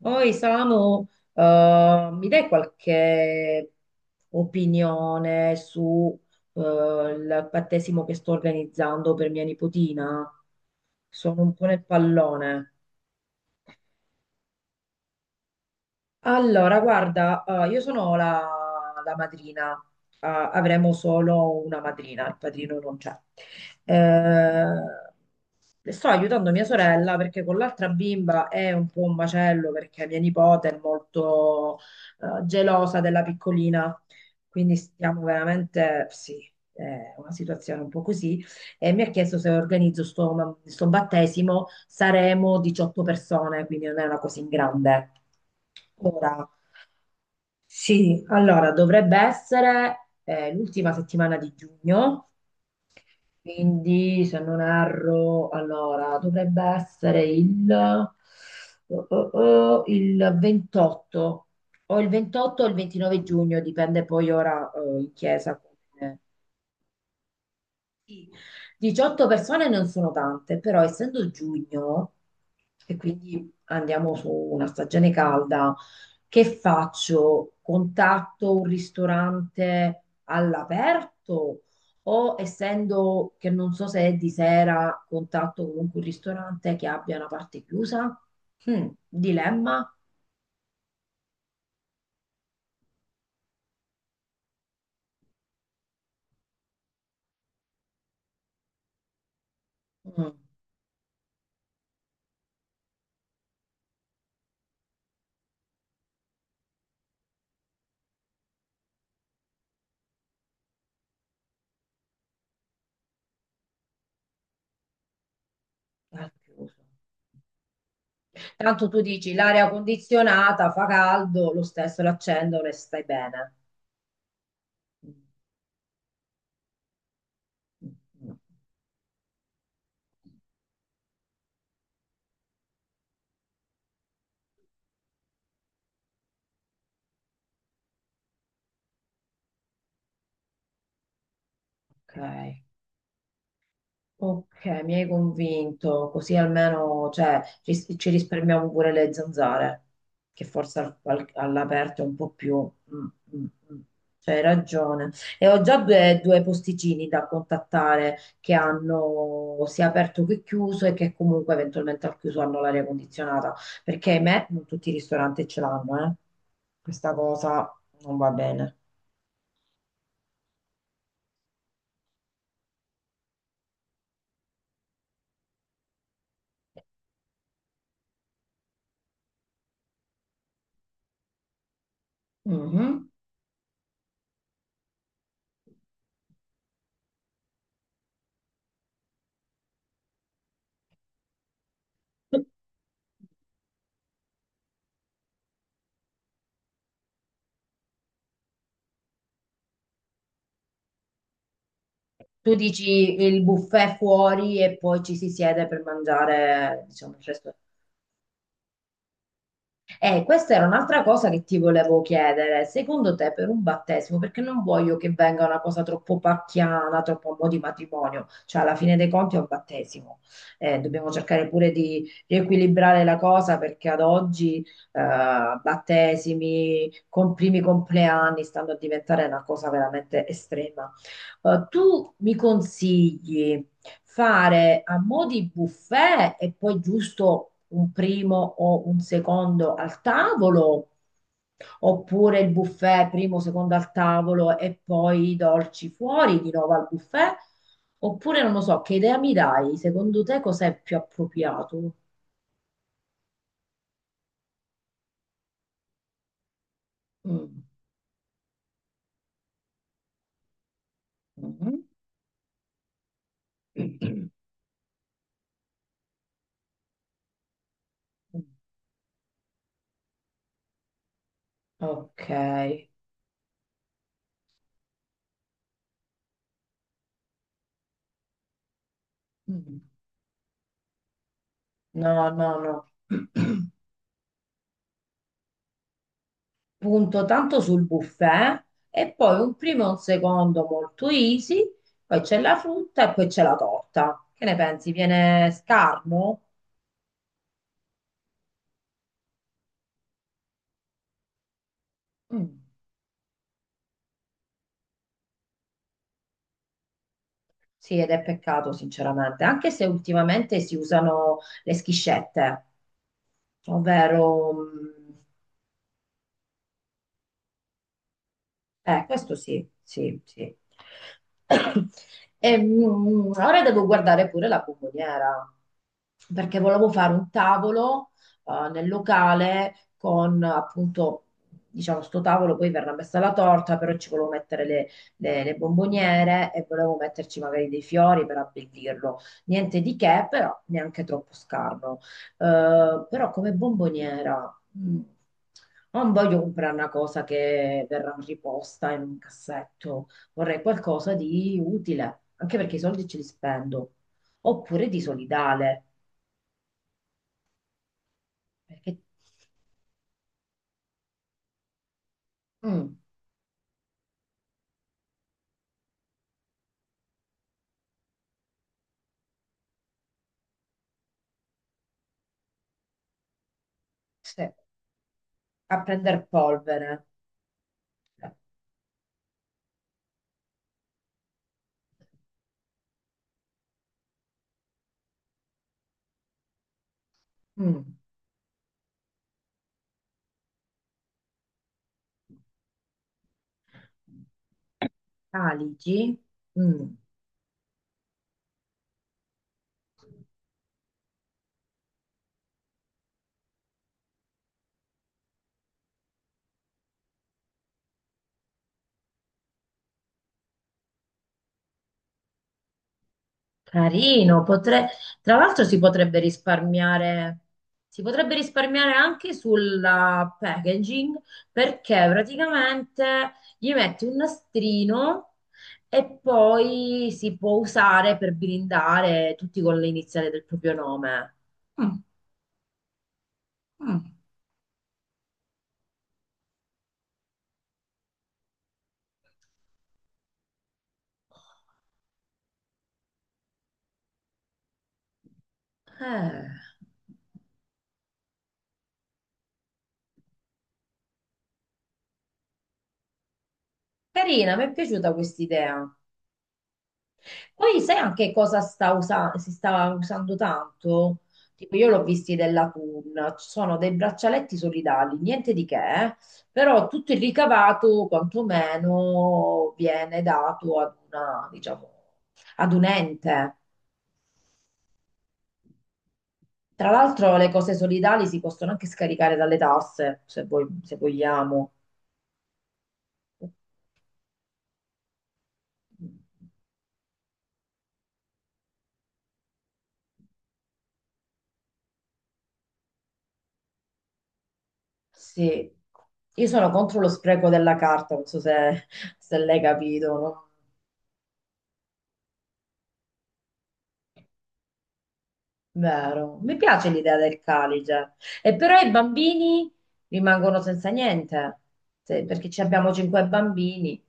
Poi, Samu, mi dai qualche opinione su il battesimo che sto organizzando per mia nipotina? Sono un po' nel pallone. Allora, guarda, io sono la madrina, avremo solo una madrina, il padrino non c'è. Sto aiutando mia sorella perché con l'altra bimba è un po' un macello perché mia nipote è molto, gelosa della piccolina, quindi stiamo veramente, sì, è una situazione un po' così. E mi ha chiesto se organizzo sto battesimo, saremo 18 persone, quindi non è una cosa in grande. Ora, sì, allora dovrebbe essere l'ultima settimana di giugno, quindi se non erro, allora dovrebbe essere il, oh, il 28 o il 28 o il 29 giugno, dipende poi ora in chiesa. 18 persone non sono tante, però essendo giugno e quindi andiamo su una stagione calda, che faccio? Contatto un ristorante all'aperto o essendo che non so se è di sera, contatto comunque un ristorante che abbia una parte chiusa? Mm, dilemma? Mm, al chiuso. Tanto tu dici l'aria condizionata fa caldo, lo stesso l'accendono e stai bene. Ok, ok, mi hai convinto, così almeno cioè, ci risparmiamo pure le zanzare, che forse all'aperto è un po' più... mm, mm, mm. Cioè, hai ragione. E ho già due posticini da contattare che hanno sia aperto che chiuso e che comunque eventualmente al chiuso hanno l'aria condizionata, perché ahimè non tutti i ristoranti ce l'hanno, eh. Questa cosa non va bene. Mhm. Tu dici il buffet fuori e poi ci si siede per mangiare, diciamo, il resto. Questa era un'altra cosa che ti volevo chiedere. Secondo te per un battesimo, perché non voglio che venga una cosa troppo pacchiana, troppo a mo' di matrimonio, cioè alla fine dei conti è un battesimo. Dobbiamo cercare pure di riequilibrare la cosa perché ad oggi battesimi, con primi compleanni stanno a diventare una cosa veramente estrema. Tu mi consigli fare a mo' di buffet e poi giusto un primo o un secondo al tavolo, oppure il buffet primo, secondo al tavolo e poi i dolci fuori di nuovo al buffet, oppure non lo so, che idea mi dai? Secondo te cos'è più appropriato? Mm. Mhm. Ok. Mm. No, no, no. Punto tanto sul buffet e poi un primo e un secondo molto easy, poi c'è la frutta e poi c'è la torta. Che ne pensi? Viene scarno? Mm, sì, ed è peccato sinceramente, anche se ultimamente si usano le schiscette, ovvero mm, eh, questo sì, sì, sì. Ora devo guardare pure la bomboniera, perché volevo fare un tavolo, nel locale con appunto, diciamo, sto tavolo, poi verrà messa la torta, però ci volevo mettere le bomboniere e volevo metterci magari dei fiori per abbeldirlo. Niente di che, però neanche troppo scarno. Però come bomboniera, non voglio comprare una cosa che verrà riposta in un cassetto, vorrei qualcosa di utile, anche perché i soldi ce li spendo, oppure di solidale, perché mm, se- a prendere polvere. Mm. Calici. Mm. Carino, potre- Tra l'altro si potrebbe risparmiare anche sulla packaging perché praticamente gli metti un nastrino e poi si può usare per blindare tutti con le iniziali del proprio nome. Mm, mm. Eh, carina, mi è piaciuta quest'idea. Poi sai anche cosa si sta usando tanto? Tipo, io l'ho visti della Thun, ci sono dei braccialetti solidali, niente di che, eh, però tutto il ricavato quantomeno viene dato ad una, diciamo, ad un ente. Tra l'altro le cose solidali si possono anche scaricare dalle tasse, se vogliamo. Sì, io sono contro lo spreco della carta, non so se, se l'hai capito, no? Vero, mi piace l'idea del calice. E però i bambini rimangono senza niente. Perché ci abbiamo cinque bambini.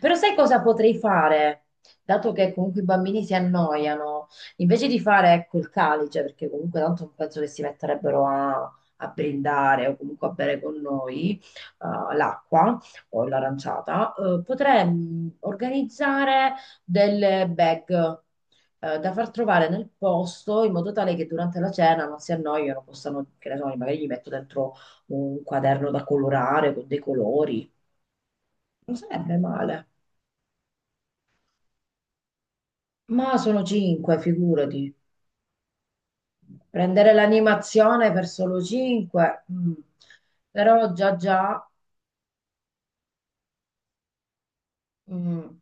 Però sai cosa potrei fare? Dato che comunque i bambini si annoiano, invece di fare ecco il calice, perché comunque tanto non penso che si metterebbero a brindare o comunque a bere con noi l'acqua o l'aranciata, potrei organizzare delle bag. Da far trovare nel posto in modo tale che durante la cena non si annoiano, possano, che ne so, magari gli metto dentro un quaderno da colorare con dei colori. Non sarebbe male. Ma sono cinque, figurati. Prendere l'animazione per solo cinque. Mm. Però già già mm.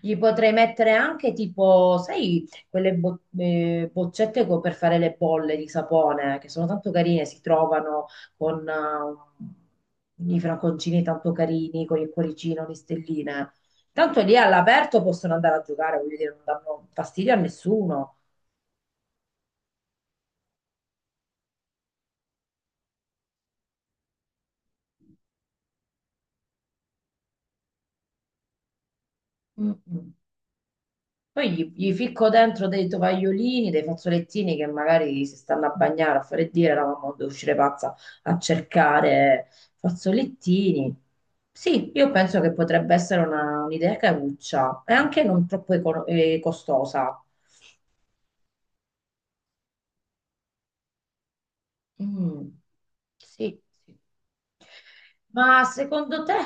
Gli potrei mettere anche tipo, sai, boccette per fare le bolle di sapone, che sono tanto carine, si trovano con i franconcini tanto carini, con il cuoricino, le stelline. Tanto lì all'aperto possono andare a giocare, voglio dire, non danno fastidio a nessuno. Mm, mm. Poi gli ficco dentro dei tovagliolini, dei fazzolettini che magari si stanno a bagnare, a fare dire, eravamo devo uscire pazza a cercare fazzolettini. Sì, io penso che potrebbe essere un'idea caruccia e anche non troppo costosa. Mm, sì, sì. Ma secondo te?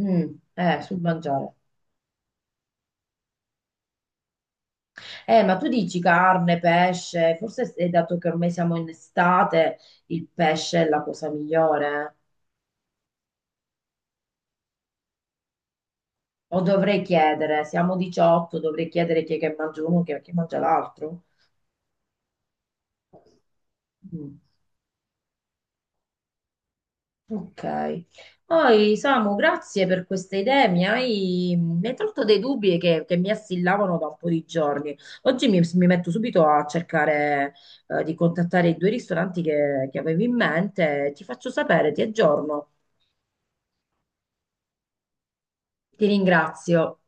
Mm, sul mangiare. Ma tu dici carne, pesce, forse se- dato che ormai siamo in estate, il pesce è la cosa migliore. Eh? O dovrei chiedere, siamo 18, dovrei chiedere chi è che mangia uno, chi è che mangia l'altro. Mm, ok. Poi, Samu, grazie per queste idee. Mi hai tolto dei dubbi che mi assillavano da un po' di giorni. Oggi mi metto subito a cercare, di contattare i due ristoranti che avevo in mente. Ti faccio sapere, ti aggiorno. Ti ringrazio.